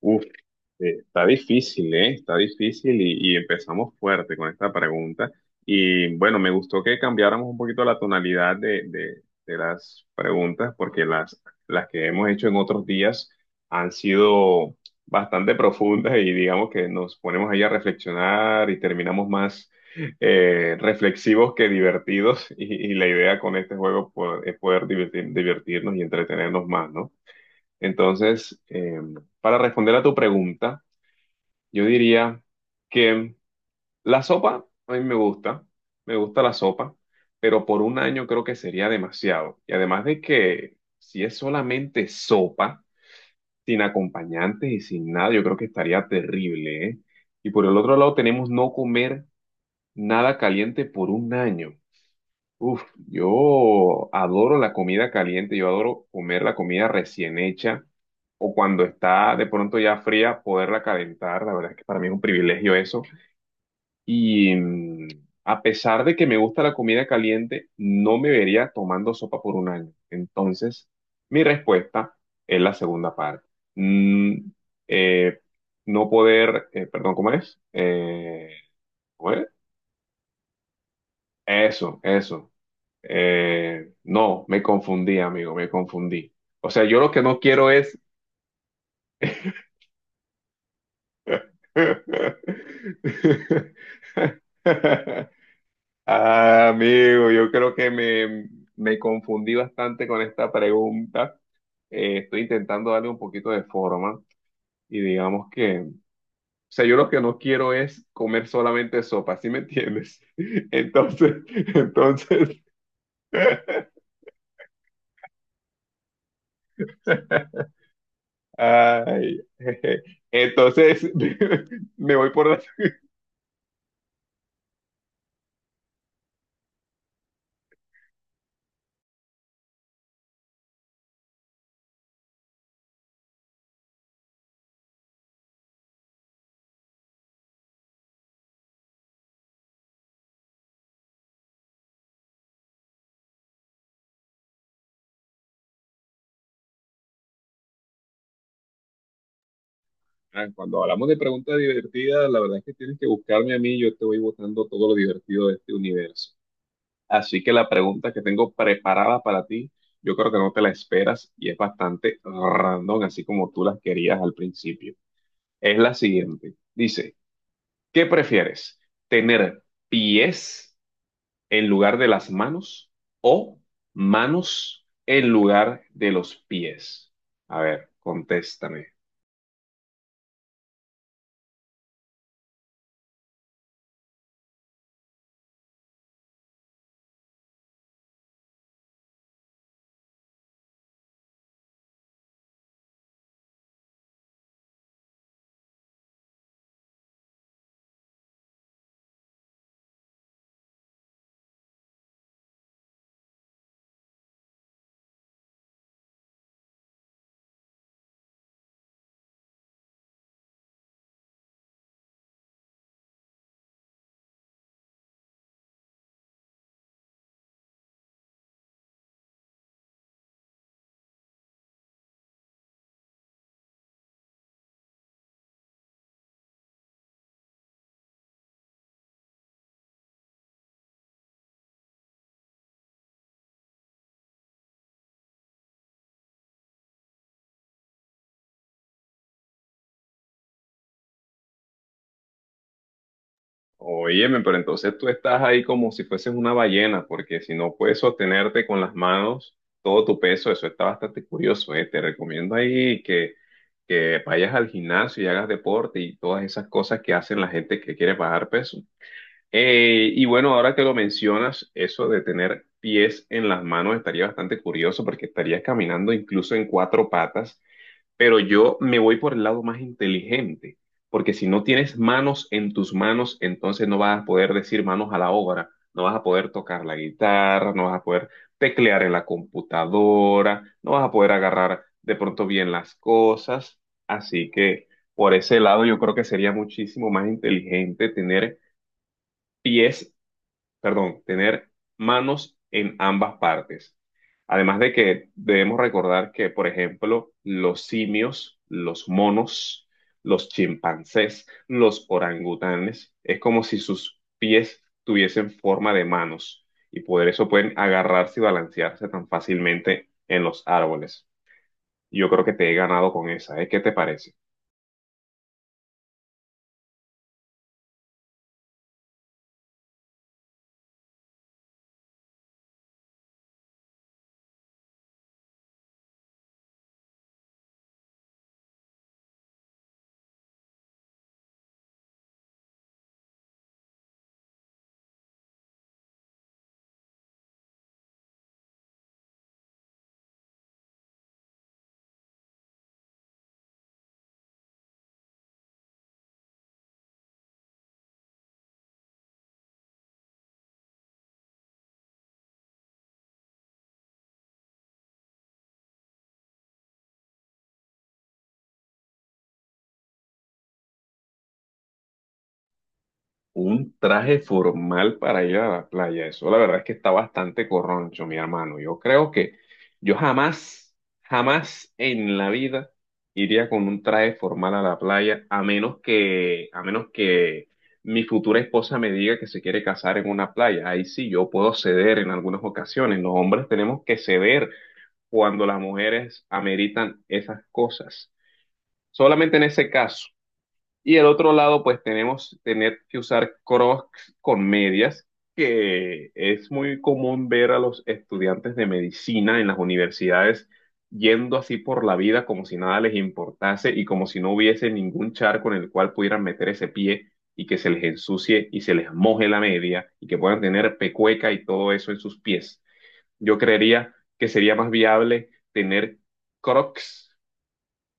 Uf, está difícil, ¿eh? Está difícil y empezamos fuerte con esta pregunta. Y bueno, me gustó que cambiáramos un poquito la tonalidad de las preguntas porque las que hemos hecho en otros días han sido bastante profundas y digamos que nos ponemos ahí a reflexionar y terminamos más reflexivos que divertidos y la idea con este juego es poder divertirnos y entretenernos más, ¿no? Entonces, para responder a tu pregunta, yo diría que la sopa a mí me gusta la sopa, pero por un año creo que sería demasiado. Y además de que si es solamente sopa, sin acompañantes y sin nada, yo creo que estaría terrible, ¿eh? Y por el otro lado tenemos no comer nada caliente por un año. Uf, yo adoro la comida caliente, yo adoro comer la comida recién hecha o cuando está de pronto ya fría, poderla calentar. La verdad es que para mí es un privilegio eso. Y a pesar de que me gusta la comida caliente, no me vería tomando sopa por un año. Entonces, mi respuesta es la segunda parte. Mm, eh, no poder, perdón, ¿cómo es? ¿Cómo es? Eso, eso. No, me confundí, amigo, me confundí. O sea, yo lo que no quiero es... Ah, amigo, yo creo que me confundí bastante con esta pregunta. Estoy intentando darle un poquito de forma y digamos que, o sea, yo lo que no quiero es comer solamente sopa, ¿sí me entiendes? Entonces, entonces... Ay, jeje. Entonces, me voy por la... Cuando hablamos de preguntas divertidas, la verdad es que tienes que buscarme a mí, yo te voy botando todo lo divertido de este universo. Así que la pregunta que tengo preparada para ti, yo creo que no te la esperas y es bastante random, así como tú las querías al principio. Es la siguiente. Dice, ¿qué prefieres? ¿Tener pies en lugar de las manos o manos en lugar de los pies? A ver, contéstame. Óyeme, pero entonces tú estás ahí como si fueses una ballena, porque si no puedes sostenerte con las manos todo tu peso, eso está bastante curioso, ¿eh? Te recomiendo ahí que vayas al gimnasio y hagas deporte y todas esas cosas que hacen la gente que quiere bajar peso. Y bueno, ahora que lo mencionas, eso de tener pies en las manos estaría bastante curioso porque estarías caminando incluso en cuatro patas, pero yo me voy por el lado más inteligente, porque si no tienes manos en tus manos, entonces no vas a poder decir manos a la obra, no vas a poder tocar la guitarra, no vas a poder teclear en la computadora, no vas a poder agarrar de pronto bien las cosas, así que por ese lado yo creo que sería muchísimo más inteligente tener pies perdón, tener manos en ambas partes. Además de que debemos recordar que, por ejemplo, los simios, los monos, los chimpancés, los orangutanes, es como si sus pies tuviesen forma de manos y por eso pueden agarrarse y balancearse tan fácilmente en los árboles. Yo creo que te he ganado con esa, ¿eh? ¿Qué te parece? Un traje formal para ir a la playa. Eso la verdad es que está bastante corroncho, mi hermano. Yo creo que yo jamás, jamás en la vida iría con un traje formal a la playa, a menos que mi futura esposa me diga que se quiere casar en una playa. Ahí sí, yo puedo ceder en algunas ocasiones. Los hombres tenemos que ceder cuando las mujeres ameritan esas cosas. Solamente en ese caso. Y el otro lado, pues tenemos tener que usar crocs con medias, que es muy común ver a los estudiantes de medicina en las universidades yendo así por la vida como si nada les importase y como si no hubiese ningún charco en el cual pudieran meter ese pie y que se les ensucie y se les moje la media y que puedan tener pecueca y todo eso en sus pies. Yo creería que sería más viable tener crocs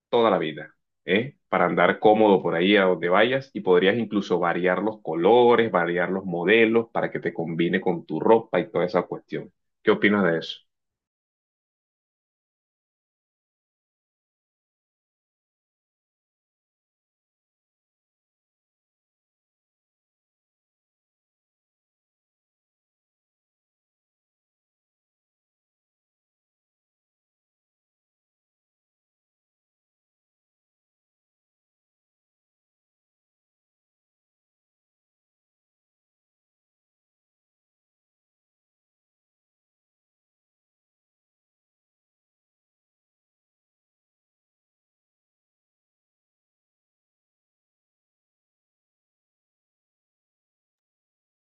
toda la vida, ¿eh? Para andar cómodo por ahí a donde vayas y podrías incluso variar los colores, variar los modelos para que te combine con tu ropa y toda esa cuestión. ¿Qué opinas de eso?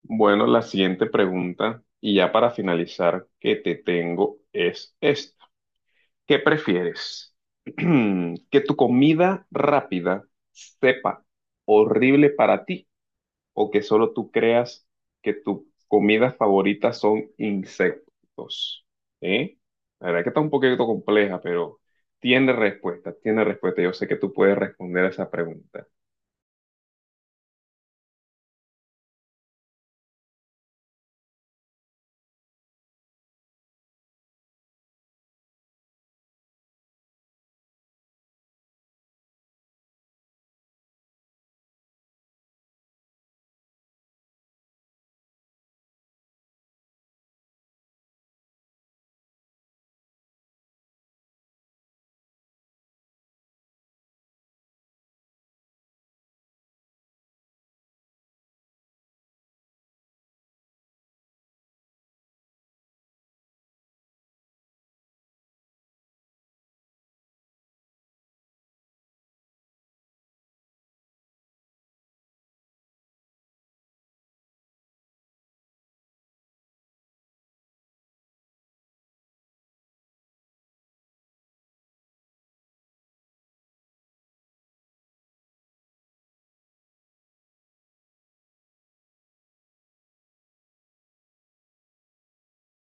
Bueno, la siguiente pregunta, y ya para finalizar, que te tengo es esta. ¿Qué prefieres? ¿Que tu comida rápida sepa horrible para ti, o que solo tú creas que tu comida favorita son insectos? ¿Eh? La verdad que está un poquito compleja, pero tiene respuesta, tiene respuesta. Yo sé que tú puedes responder a esa pregunta.